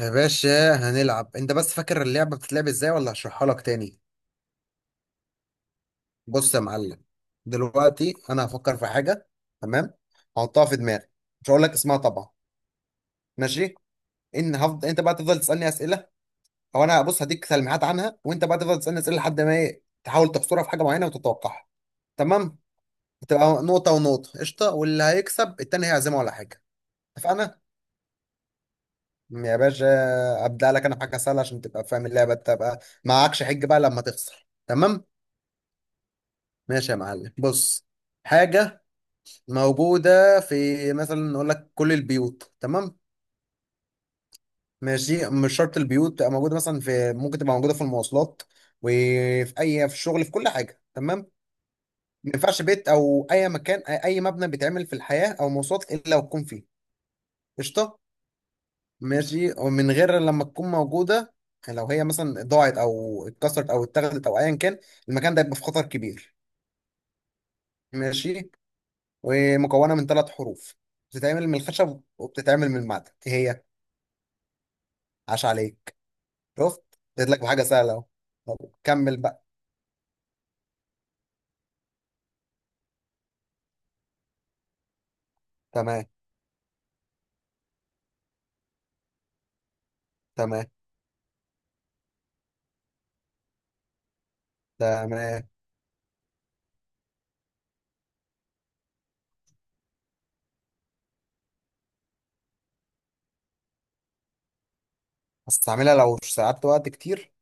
يا باشا، هنلعب. انت بس فاكر اللعبة بتتلعب ازاي ولا هشرحها لك تاني؟ بص يا معلم، دلوقتي انا هفكر في حاجة. تمام، هحطها في دماغي. مش هقول لك اسمها طبعا. ماشي. ان هفضل، انت بقى تفضل تسألني اسئلة. او انا بص هديك تلميحات عنها وانت بقى تفضل تسألني اسئلة لحد ما ايه تحاول تحصرها في حاجة معينة وتتوقعها. تمام. هتبقى نقطة ونقطة قشطة، واللي هيكسب التاني هيعزمه على حاجة. اتفقنا. يا باشا، ابدأ لك انا بحاجة سهلة عشان تبقى فاهم اللعبة، تبقى معكش حج بقى لما تخسر. تمام. ماشي يا معلم، بص. حاجة موجودة في، مثلا نقول لك كل البيوت. تمام. ماشي، مش شرط البيوت تبقى موجودة مثلا في، ممكن تبقى موجودة في المواصلات، وفي أي، في الشغل، في كل حاجة. تمام. ما ينفعش بيت أو أي مكان، أي مبنى بيتعمل في الحياة أو مواصلات، إلا وتكون فيه. قشطة. ماشي. ومن غير لما تكون موجودة، لو هي مثلا ضاعت أو اتكسرت أو اتاخدت أو أيا كان، المكان ده يبقى في خطر كبير. ماشي. ومكونه من ثلاث حروف، بتتعمل من الخشب وبتتعمل من المعدن. ايه هي؟ عاش عليك. شفت؟ اديت لك بحاجه سهله اهو. طب، كمل بقى. تمام. تمام. تمام. هستعملها لو قعدت وقت كتير.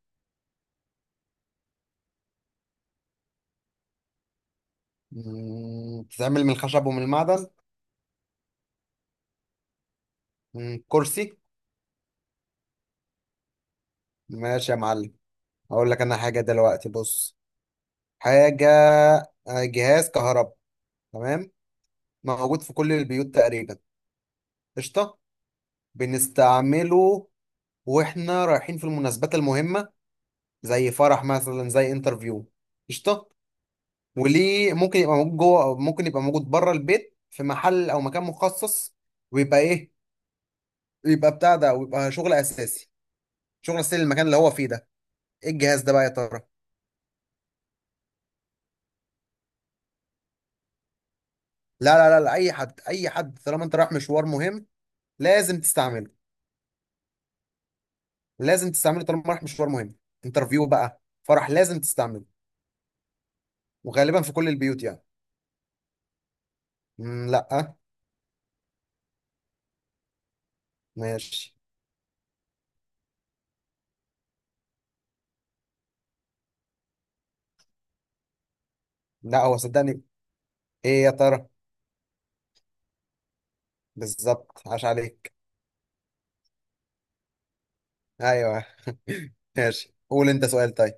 بتتعمل من الخشب ومن المعدن. كرسي. ماشي يا معلم، هقول لك انا حاجه دلوقتي. بص. حاجه. جهاز كهرباء. تمام. موجود في كل البيوت تقريبا. قشطه. بنستعمله واحنا رايحين في المناسبات المهمه، زي فرح مثلا، زي انترفيو. قشطه. وليه ممكن يبقى موجود جوه، او ممكن يبقى موجود بره البيت في محل او مكان مخصص. ويبقى ايه، ويبقى بتاع ده، ويبقى شغل اساسي، شغل اساسي للمكان اللي هو فيه ده. ايه الجهاز ده بقى يا ترى؟ لا، لا، لا، لا، اي حد، اي حد طالما انت رايح مشوار مهم لازم تستعمله. لازم تستعمله طالما رايح مشوار مهم. انترفيو بقى، فرح، لازم تستعمله. وغالبا في كل البيوت يعني. مم، لا. ماشي. لا، هو صدقني. ايه يا ترى؟ بالظبط، عاش عليك. ايوه. ماشي، قول انت سؤال. طيب،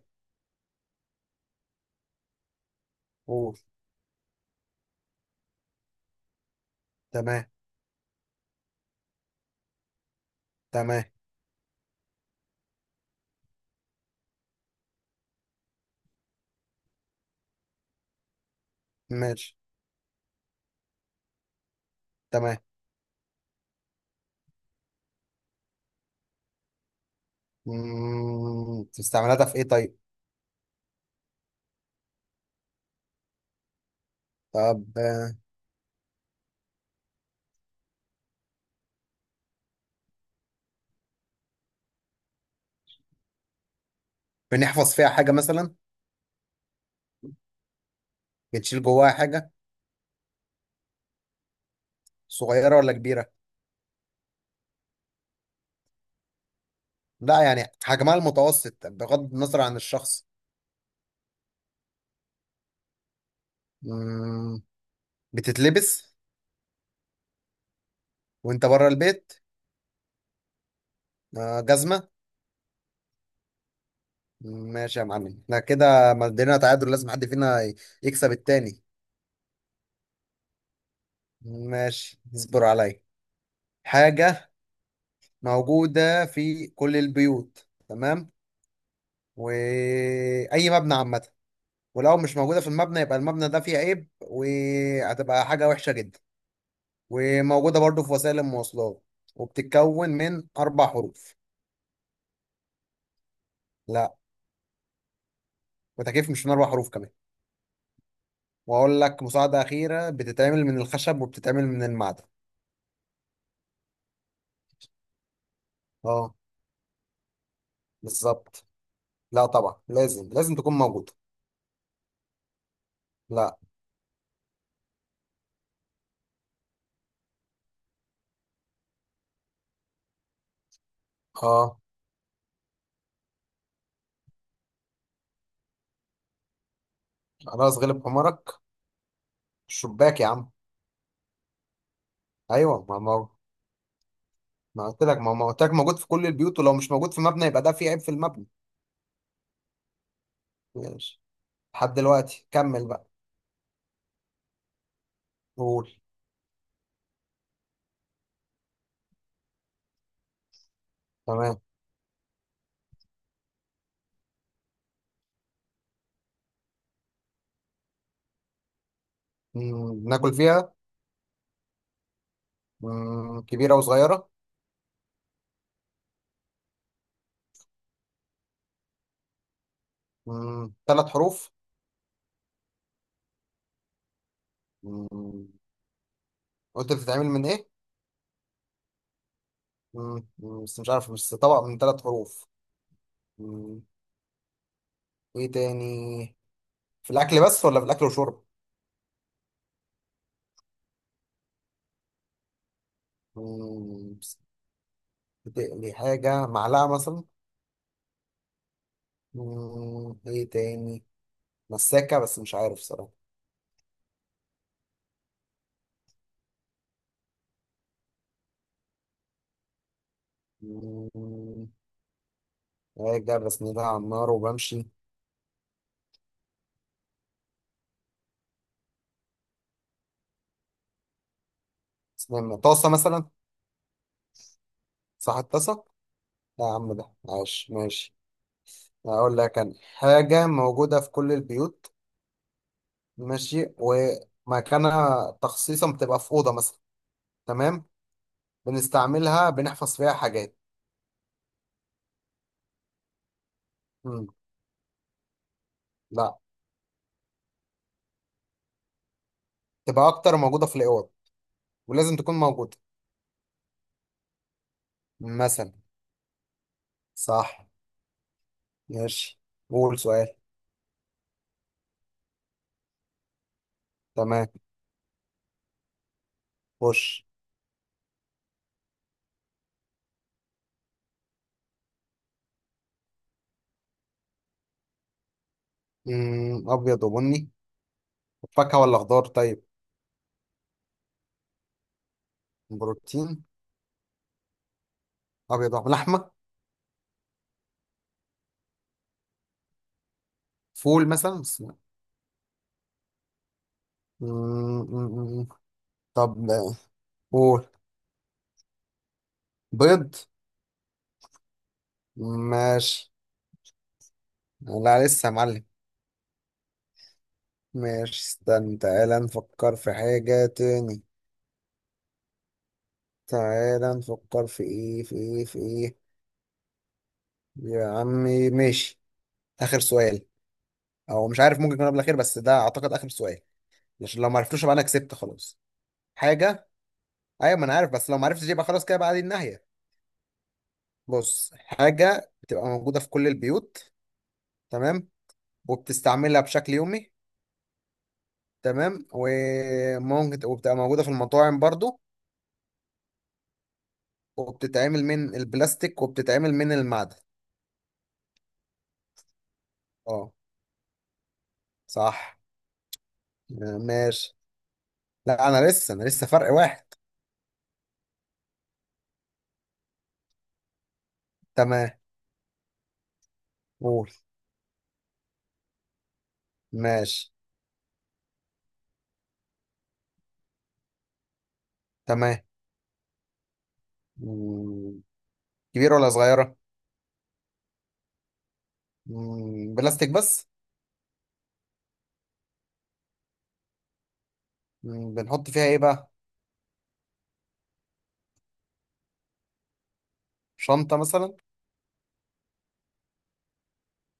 قول. تمام. تمام. ماشي. تمام. استعملتها في ايه طيب؟ طب، بنحفظ فيها حاجة مثلا؟ بنشيل جواها حاجة؟ صغيرة ولا كبيرة؟ لا، يعني حجمها المتوسط بغض النظر عن الشخص. مم، بتتلبس وانت بره البيت؟ جزمة. ماشي يا معلم. احنا كده مدينا تعادل، لازم حد فينا يكسب التاني. ماشي، اصبر عليا. حاجة موجودة في كل البيوت، تمام، وأي مبنى عامة. ولو مش موجودة في المبنى يبقى المبنى ده فيه عيب، وهتبقى حاجة وحشة جدا. وموجودة برضو في وسائل المواصلات. وبتتكون من أربع حروف. لا، وتكيف مش من أربع حروف كمان. وأقول لك مساعدة أخيرة، بتتعمل من الخشب وبتتعمل من المعدن. اه. بالظبط. لا، طبعا لازم لازم تكون موجودة. لا. اه. خلاص، غلب حمارك. الشباك يا عم. ايوه، ما قلت لك، ما قلت لك موجود في كل البيوت، ولو مش موجود في مبنى يبقى ده في عيب في المبنى. ماشي. لحد دلوقتي، كمل بقى. قول. تمام. ناكل فيها. كبيرة وصغيرة؟ ثلاث حروف؟ مم. قلت بتتعمل من ايه؟ بس مش عارف، بس طبق من ثلاث حروف. مم. ايه تاني؟ في الاكل بس ولا في الاكل وشرب؟ بس بتقلي حاجة معلقة مثلا؟ ايه تاني؟ مساكة، بس مش عارف صراحة. مم، راجع بسندها على النار وبمشي؟ استنى، طاسة مثلا؟ صح الطاسة. لا يا عم، ده عاش. ماشي. هقول لك أنا حاجة موجودة في كل البيوت. ماشي. ومكانها تخصيصا بتبقى في أوضة مثلا. تمام. بنستعملها، بنحفظ فيها حاجات. مم. لا. تبقى أكتر موجودة في الأوض. ولازم تكون موجودة. مثلا. صح. ماشي. قول سؤال. تمام. خش. أبيض وبني. فاكهة ولا خضار طيب؟ بروتين. أبيض ولحمة. فول مثلا؟ بس لا. مم، مم، مم. طب. فول. بيض. ماشي. لا لسه يا معلم. ماشي، استنى. تعالى نفكر في حاجة تاني. تعالى نفكر في ايه، في ايه، في ايه يا عمي. ماشي. آخر سؤال. او مش عارف، ممكن يكون قبل الأخير، بس ده اعتقد آخر سؤال. عشان لو ما عرفتوش يبقى انا كسبت خلاص. حاجة. ايوه، ما انا عارف، بس لو ما عرفتش يبقى خلاص كده بقى دي النهاية. بص، حاجة بتبقى موجودة في كل البيوت. تمام. وبتستعملها بشكل يومي. تمام. وممكن وبتبقى موجودة في المطاعم برضو. وبتتعمل من البلاستيك وبتتعمل من المعدن. اه. صح. ماشي. لا، انا لسه فرق واحد. تمام. قول. ماشي. تمام. مم. كبيرة ولا صغيرة؟ بلاستيك بس؟ بنحط فيها ايه بقى؟ شنطة مثلا؟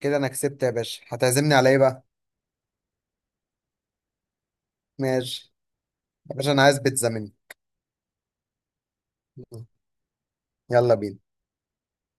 كده انا كسبت يا باشا. هتعزمني على ايه بقى؟ ماشي. يا باشا، انا عايز بيتزا مني. يلا بينا.